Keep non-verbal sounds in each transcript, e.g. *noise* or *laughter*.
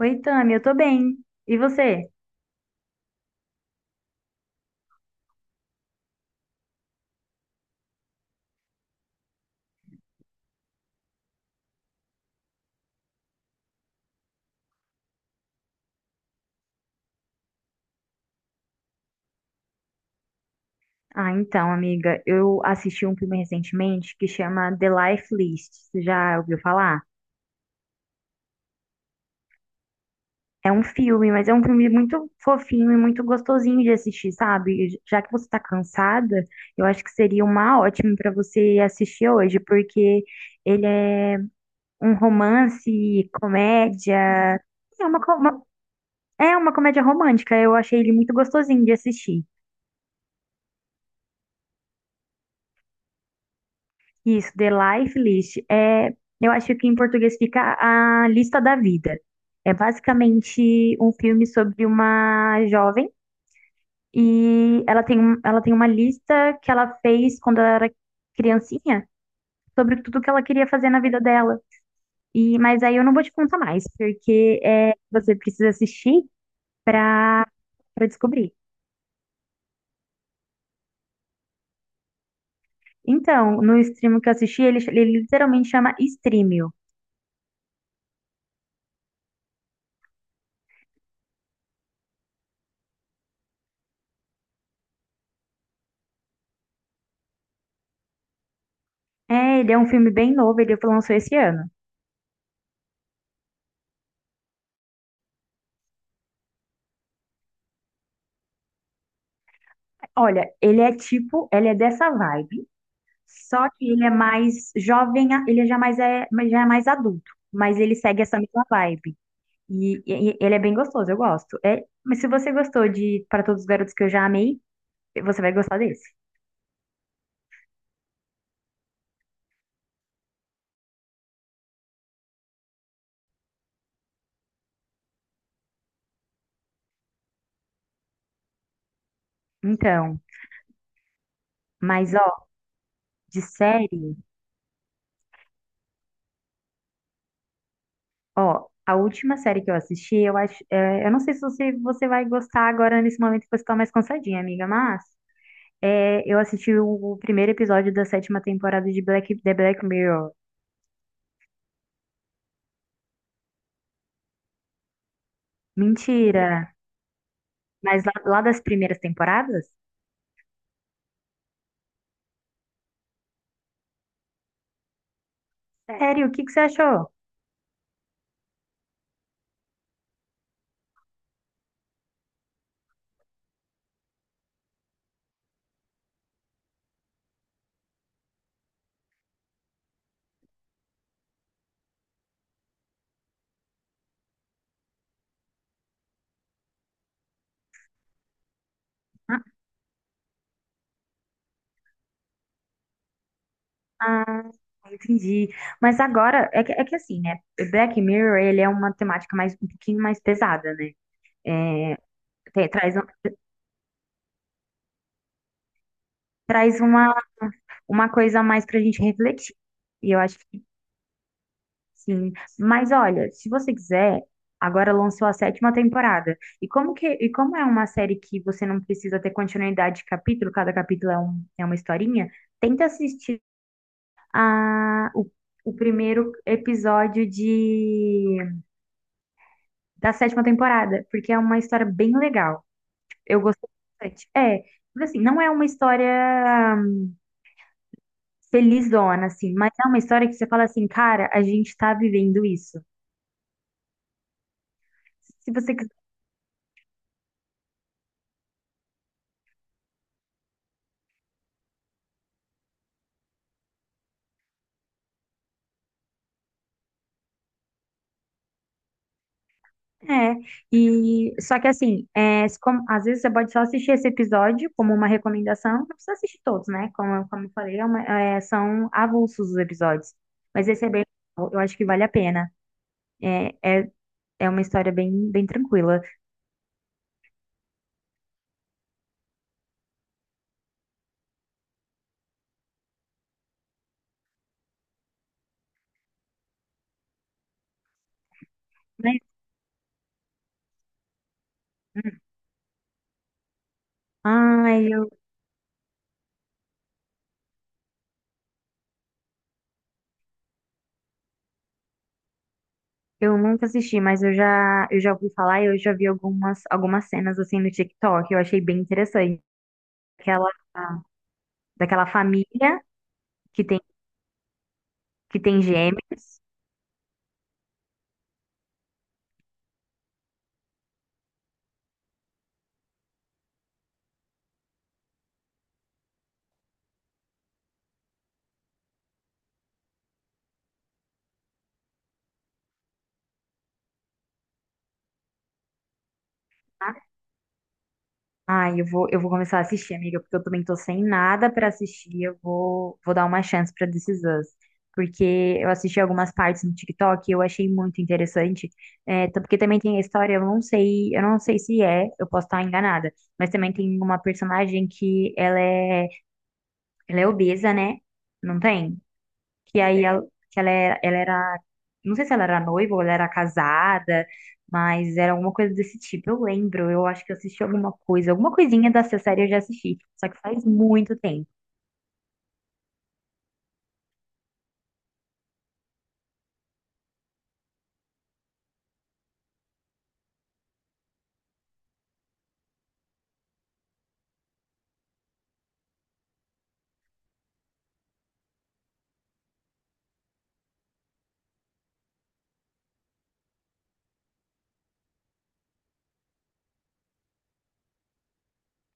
Oi, Tami, eu tô bem. E você? Ah, então, amiga, eu assisti um filme recentemente que chama The Life List. Você já ouviu falar? É um filme, mas é um filme muito fofinho e muito gostosinho de assistir, sabe? E já que você tá cansada, eu acho que seria uma ótima pra você assistir hoje, porque ele é um romance, comédia, é uma, co- uma- é uma comédia romântica. Eu achei ele muito gostosinho de assistir. Isso, The Life List. É, eu acho que em português fica a lista da vida. É basicamente um filme sobre uma jovem e ela tem uma lista que ela fez quando ela era criancinha sobre tudo que ela queria fazer na vida dela. E, mas aí eu não vou te contar mais, porque é, você precisa assistir para para descobrir. Então, no stream que eu assisti, ele literalmente chama Streamio. É, ele é um filme bem novo, ele lançou esse ano. Olha, ele é tipo, ele é dessa vibe, só que ele é mais jovem, ele já é mais adulto, mas ele segue essa mesma vibe. Ele é bem gostoso, eu gosto. É, mas se você gostou de Para Todos os Garotos que eu já amei, você vai gostar desse. Então, mas ó, de série, ó, a última série que eu assisti, eu acho, é, eu não sei se você, você vai gostar agora nesse momento que você tá mais cansadinha, amiga, mas é, eu assisti o primeiro episódio da sétima temporada de The Black Mirror. Mentira. Mas lá das primeiras temporadas? Sério, o que que você achou? Ah, ah, entendi. Mas agora, é que assim, né? Black Mirror, ele é uma temática mais, um pouquinho mais pesada, né? Tem- traz, um- traz uma coisa a mais pra gente refletir. E eu acho que sim. Mas olha, se você quiser, agora lançou a sétima temporada. E como é uma série que você não precisa ter continuidade de capítulo, cada capítulo é uma historinha, tenta assistir a, o, o primeiro episódio da sétima temporada, porque é uma história bem legal. Eu gostei bastante. É, mas assim, não é uma história felizona, assim, mas é uma história que você fala assim, cara, a gente tá vivendo isso. Se você quiser. É, e só que assim, é, se como- às vezes você pode só assistir esse episódio como uma recomendação, não precisa assistir todos, né? Como eu falei, é, são avulsos os episódios. Mas esse é bem legal, eu acho que vale a pena. É, é É uma história bem, bem tranquila. Mas, hum, ai, eu nunca assisti, mas eu já ouvi falar e eu já vi algumas cenas assim no TikTok. Eu achei bem interessante. Aquela, daquela família que tem, que tem gêmeos. Né? Ai, eu vou começar a assistir, amiga, porque eu também tô sem nada pra assistir. Eu vou dar uma chance pra This Is Us. Porque eu assisti algumas partes no TikTok e eu achei muito interessante. É, porque também tem a história, eu não sei se é, eu posso estar enganada, mas também tem uma personagem que ela é obesa, né? Não tem? Que que ela era, não sei se ela era noiva ou ela era casada, mas era alguma coisa desse tipo. Eu lembro, eu acho que eu assisti alguma coisa, alguma coisinha dessa série eu já assisti, só que faz muito tempo.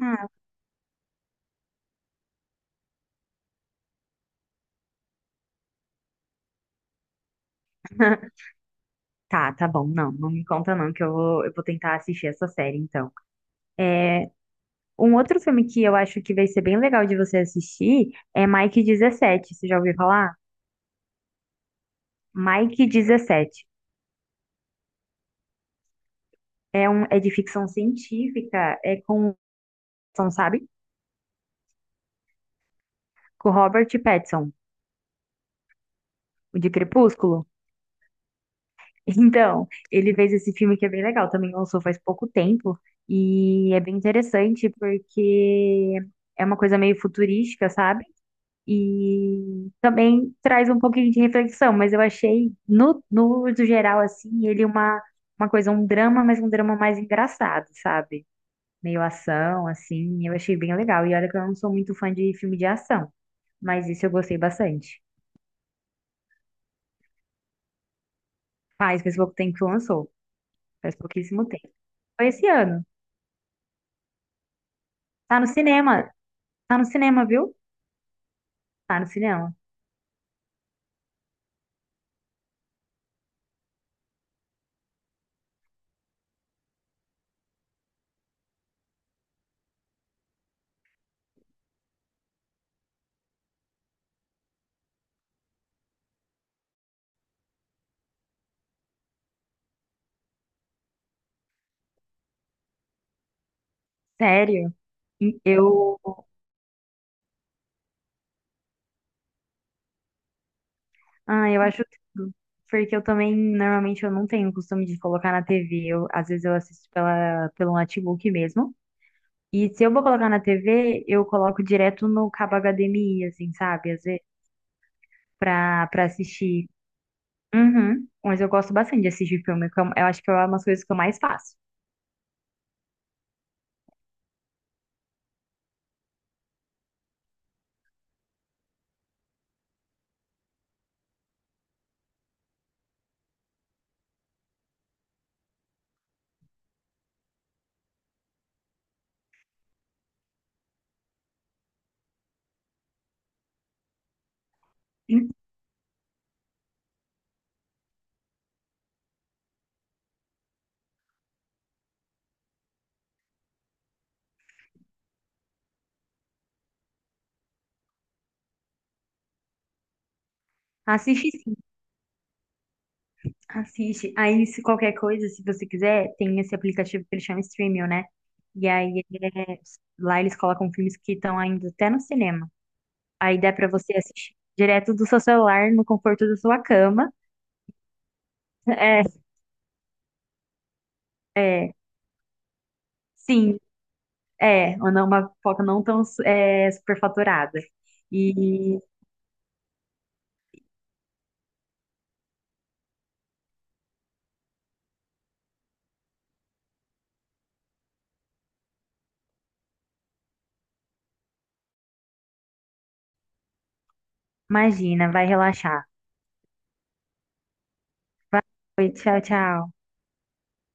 Ah, *laughs* tá, tá bom, não, não me conta não, que eu vou tentar assistir essa série então. Um outro filme que eu acho que vai ser bem legal de você assistir é Mike 17 você já ouviu falar? Mike 17 é um, é de ficção científica, é com, sabe? Com Robert Pattinson. O de Crepúsculo? Então, ele fez esse filme que é bem legal, também lançou faz pouco tempo, e é bem interessante porque é uma coisa meio futurística, sabe? E também traz um pouquinho de reflexão, mas eu achei, no uso geral, assim, ele uma coisa, um drama, mas um drama mais engraçado, sabe? Meio ação, assim, eu achei bem legal. E olha que eu não sou muito fã de filme de ação, mas isso eu gostei bastante. Faz pouco tempo que lançou, faz pouquíssimo tempo. Foi esse ano. Tá no cinema. Tá no cinema, viu? Tá no cinema. Sério. E eu. Ah, eu acho tudo. Porque eu também, normalmente, eu não tenho o costume de colocar na TV. Eu, às vezes eu assisto pelo notebook mesmo. E se eu vou colocar na TV, eu coloco direto no cabo HDMI, assim, sabe? Às vezes, pra assistir. Uhum. Mas eu gosto bastante de assistir filme. Que eu acho que é uma das coisas que eu mais faço. Assistir. Assiste. Aí, se qualquer coisa, se você quiser, tem esse aplicativo que ele chama Streamio, né? E aí, lá eles colocam filmes que estão ainda até no cinema. Aí dá pra você assistir direto do seu celular, no conforto da sua cama. É, é, sim, é. Ou não, uma pipoca não tão superfaturada. E imagina, vai relaxar. Vai, tchau, tchau.